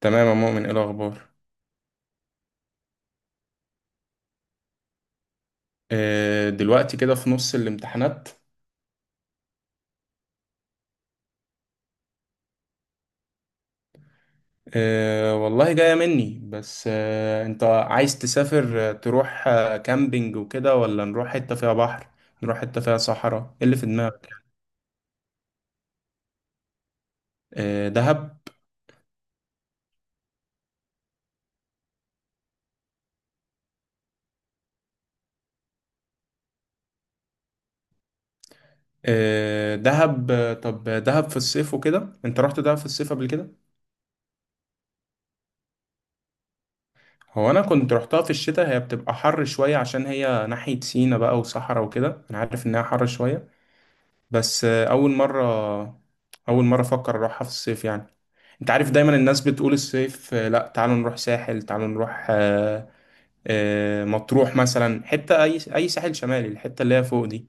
تمام يا مؤمن، ايه الاخبار؟ دلوقتي كده في نص الامتحانات. والله جاية مني، بس انت عايز تسافر، تروح كامبينج وكده، ولا نروح حتة فيها بحر؟ نروح حتة فيها صحراء؟ ايه اللي في دماغك؟ دهب. دهب. طب دهب في الصيف وكده، انت رحت دهب في الصيف قبل كده؟ هو انا كنت رحتها في الشتاء، هي بتبقى حر شوية عشان هي ناحية سينا بقى وصحراء وكده، انا عارف انها حر شوية. بس اول مره، اول مره افكر اروحها في الصيف يعني. انت عارف دايما الناس بتقول الصيف، لا تعالوا نروح ساحل، تعالوا نروح مطروح مثلا، حته اي ساحل شمالي، الحته اللي هي فوق دي.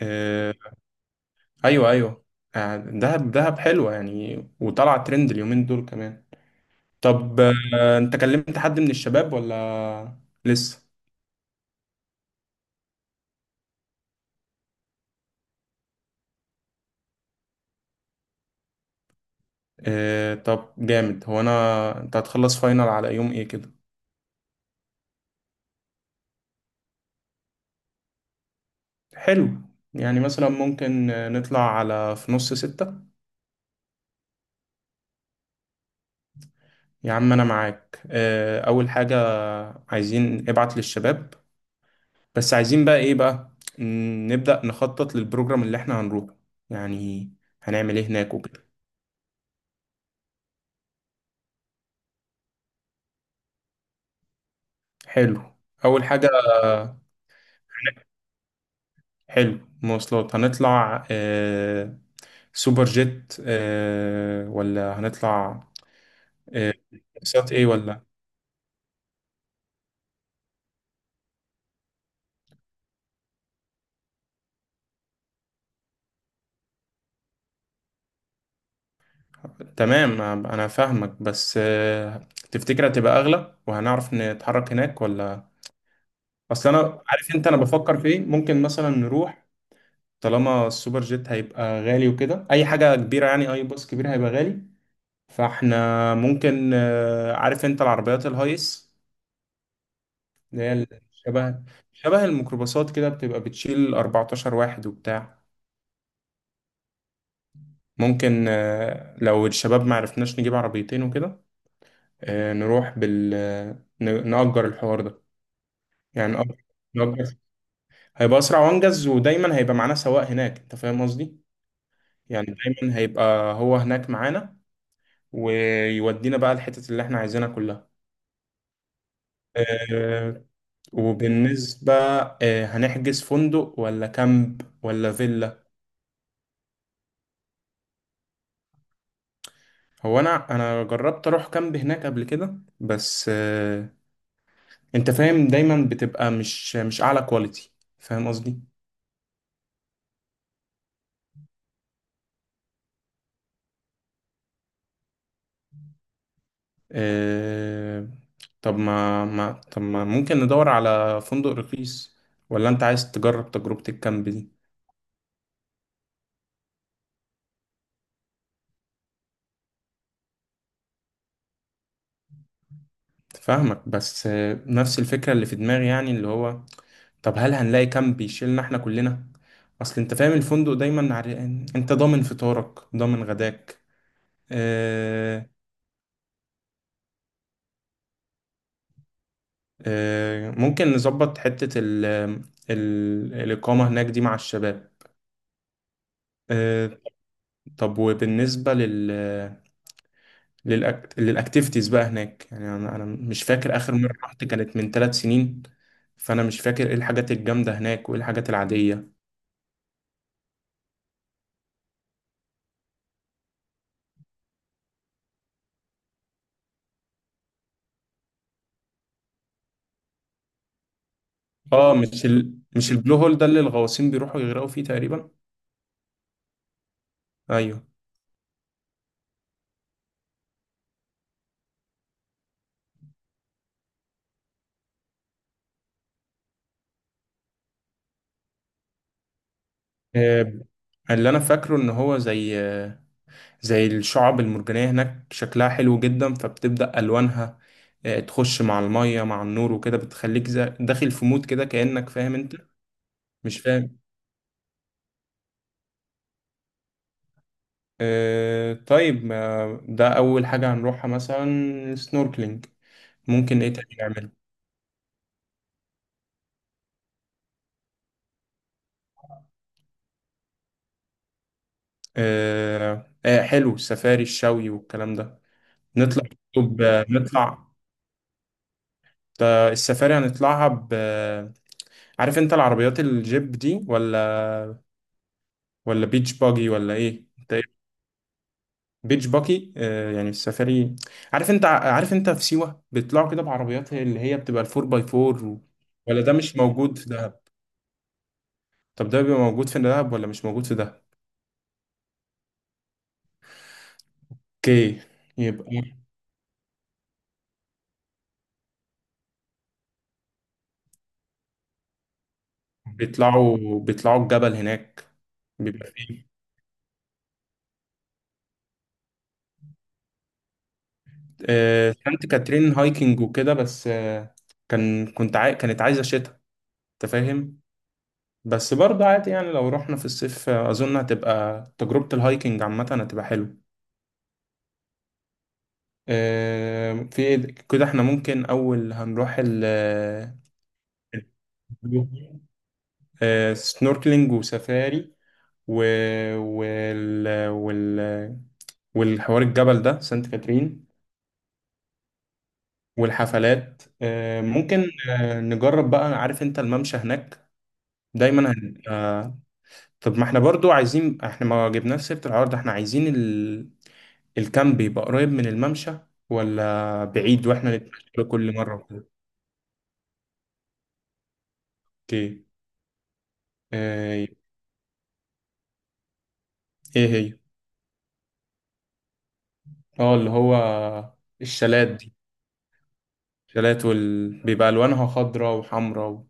آه، ايوه ايوه. دهب دهب حلوه يعني، وطلع ترند اليومين دول كمان. طب، انت كلمت حد من الشباب ولا؟ لسه؟ طب جامد. هو انا، انت هتخلص فاينل على يوم ايه كده؟ حلو. يعني مثلا ممكن نطلع على في نص ستة. يا عم أنا معاك. أول حاجة، عايزين ابعت للشباب، بس عايزين بقى إيه بقى. نبدأ نخطط للبروجرام اللي إحنا هنروحه، يعني هنعمل إيه هناك وكده. حلو. أول حاجة. حلو، مواصلات. هنطلع سوبر جيت ولا هنطلع آه، باصات، إيه ولا؟ تمام. انا فاهمك، بس تفتكر هتبقى اغلى وهنعرف نتحرك هناك ولا؟ اصل انا عارف انت، انا بفكر في ايه. ممكن مثلا نروح، طالما السوبر جيت هيبقى غالي وكده، اي حاجه كبيره يعني اي باص كبير هيبقى غالي، فاحنا ممكن عارف انت العربيات الهايس؟ اللي هي شبه، شبه الميكروباصات كده، بتبقى بتشيل 14 واحد وبتاع. ممكن لو الشباب معرفناش نجيب عربيتين وكده، نروح بال نأجر الحوار ده. يعني نأجر، هيبقى أسرع وأنجز، ودايما هيبقى معانا سواق هناك، أنت فاهم قصدي؟ يعني دايما هيبقى هو هناك معانا، ويودينا بقى الحتت اللي احنا عايزينها كلها. آه، وبالنسبة، هنحجز فندق ولا كامب ولا فيلا؟ هو أنا جربت أروح كامب هناك قبل كده، بس أنت فاهم، دايما بتبقى مش أعلى كواليتي. فاهم قصدي؟ آه، طب ما ممكن ندور على فندق رخيص، ولا انت عايز تجرب تجربة الكامب دي؟ فاهمك، بس نفس الفكرة اللي في دماغي، يعني اللي هو، طب هل هنلاقي كامب يشيلنا احنا كلنا؟ اصل انت فاهم الفندق دايما عرقان، انت ضامن فطارك ضامن غداك. آه، ممكن نظبط حتة ال، ال الإقامة هناك دي مع الشباب. آه، طب وبالنسبة لل، للأكتيفيتيز بقى هناك، يعني أنا مش فاكر آخر مرة رحت كانت من 3 سنين، فأنا مش فاكر إيه الحاجات الجامدة هناك وإيه الحاجات العادية. مش البلو هول ده اللي الغواصين بيروحوا يغرقوا فيه تقريبا؟ أيوه. آه، اللي أنا فاكره إن هو زي زي الشعب المرجانية، هناك شكلها حلو جدا، فبتبدأ ألوانها تخش مع المية مع النور وكده، بتخليك داخل في مود كده، كأنك فاهم أنت. مش فاهم. طيب ما ده أول حاجة هنروحها، مثلا سنوركلينج. ممكن إيه تاني نعمل؟ حلو السفاري الشوي والكلام ده. نطلع، طب نطلع ده السفاري هنطلعها ب، عارف أنت العربيات الجيب دي؟ ولا ولا بيتش باجي ولا إيه؟ أنت إيه؟ بيتش باجي. يعني السفاري. عارف أنت في سيوة بيطلعوا كده بعربيات اللي هي بتبقى الفور باي فور. ولا ده مش موجود في دهب؟ طب ده بيبقى موجود في دهب ولا مش موجود في دهب؟ اوكي يبقى. بيطلعوا الجبل هناك، بيبقى فيه سانت كاترين هايكنج وكده، بس كانت عايزة شتاء، انت فاهم. بس برضه عادي يعني، لو رحنا في الصيف اظن هتبقى تجربة الهايكنج عامة، هتبقى حلوة. في إيه كده، احنا ممكن اول هنروح ال، سنوركلينج وسفاري، و... وال... وال... والحوار الجبل ده سانت كاترين. والحفلات ممكن نجرب بقى. عارف انت الممشى هناك؟ دايما هن... آه، طب ما احنا برضو عايزين، احنا ما جبناش سيرة العرض، احنا عايزين الكامب يبقى قريب من الممشى، ولا بعيد واحنا نتمشى له كل مرة وكده؟ اوكي. آه، ايه هي؟ اه، اللي هو، الشالات دي. الشالات بيبقى الوانها خضراء وحمراء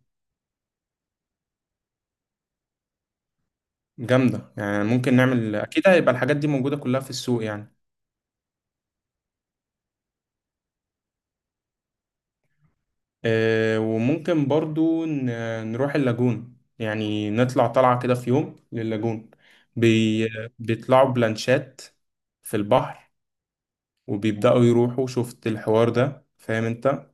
جامدة يعني، ممكن نعمل، اكيد هيبقى الحاجات دي موجودة كلها في السوق يعني. وممكن برضو نروح اللاجون، يعني نطلع طلعة كده في يوم لللاجون. بي... بيطلعوا بلانشات في البحر، وبيبدأوا يروحوا، شفت الحوار ده فاهم انت؟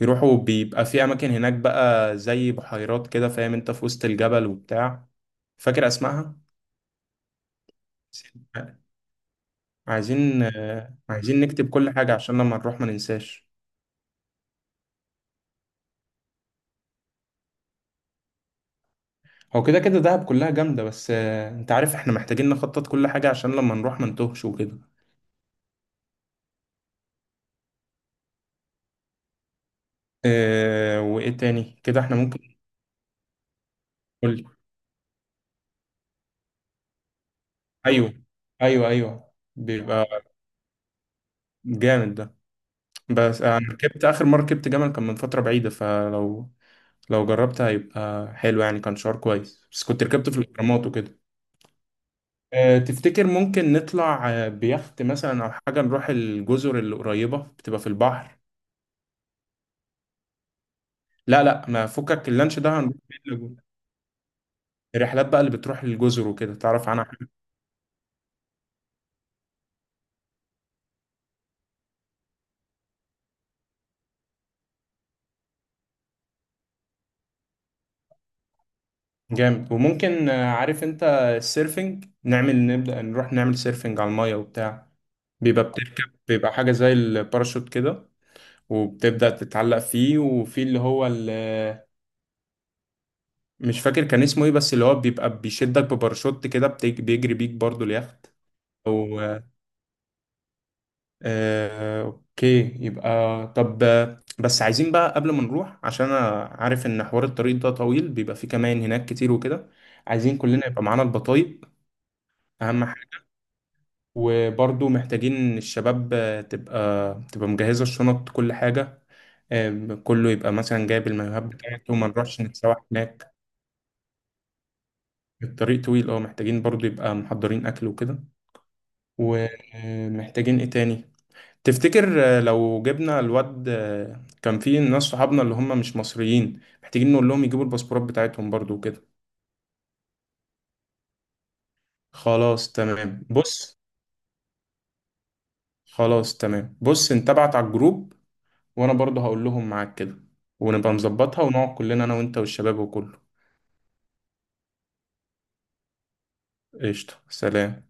يروحوا بيبقى في أماكن هناك بقى زي بحيرات كده، فاهم انت، في وسط الجبل وبتاع. فاكر أسمائها؟ عايزين نكتب كل حاجة عشان لما نروح ما ننساش. هو كده كده دهب كلها جامدة، بس انت عارف احنا محتاجين نخطط كل حاجة عشان لما نروح ما نتوهش وكده. اه، وايه تاني كده احنا ممكن نقول؟ ايوه، ايوه ايوه، بيبقى جامد ده. بس انا ركبت، اخر مرة ركبت جمل كان من فترة بعيدة، فلو لو جربت هيبقى حلو، يعني كان شعور كويس، بس كنت ركبت في الاهرامات وكده. تفتكر ممكن نطلع بيخت مثلا او حاجة، نروح الجزر اللي قريبة بتبقى في البحر؟ لا لا، ما فكك، اللانش ده هنروح، الرحلات بقى اللي بتروح للجزر وكده، تعرف عنها حاجة؟ جامد. وممكن عارف انت السيرفنج، نعمل نبدأ نروح نعمل سيرفنج على المية وبتاع. بيبقى بتركب، بيبقى حاجة زي الباراشوت كده، وبتبدأ تتعلق فيه، وفي اللي مش فاكر كان اسمه ايه، بس اللي هو بيبقى بيشدك بباراشوت كده، بيجري بيك برضو اليخت. اوكي يبقى. طب بس عايزين بقى قبل ما نروح، عشان انا عارف ان حوار الطريق ده طويل بيبقى فيه كمان هناك كتير وكده. عايزين كلنا يبقى معانا البطايق، اهم حاجة. وبرضو محتاجين الشباب تبقى مجهزة الشنط، كل حاجة. كله يبقى مثلا جايب المايوهات بتاعته، وما نروحش نتسوح هناك. الطريق طويل، اه محتاجين برضو يبقى محضرين اكل وكده. ومحتاجين ايه تاني؟ تفتكر لو جبنا الواد كان في ناس صحابنا اللي هم مش مصريين، محتاجين نقول لهم يجيبوا الباسبورات بتاعتهم برضو وكده؟ خلاص تمام بص. خلاص تمام بص، انت ابعت على الجروب، وانا برضو هقول لهم معاك كده، ونبقى نظبطها ونقعد كلنا انا وانت والشباب وكله. قشطة، سلام.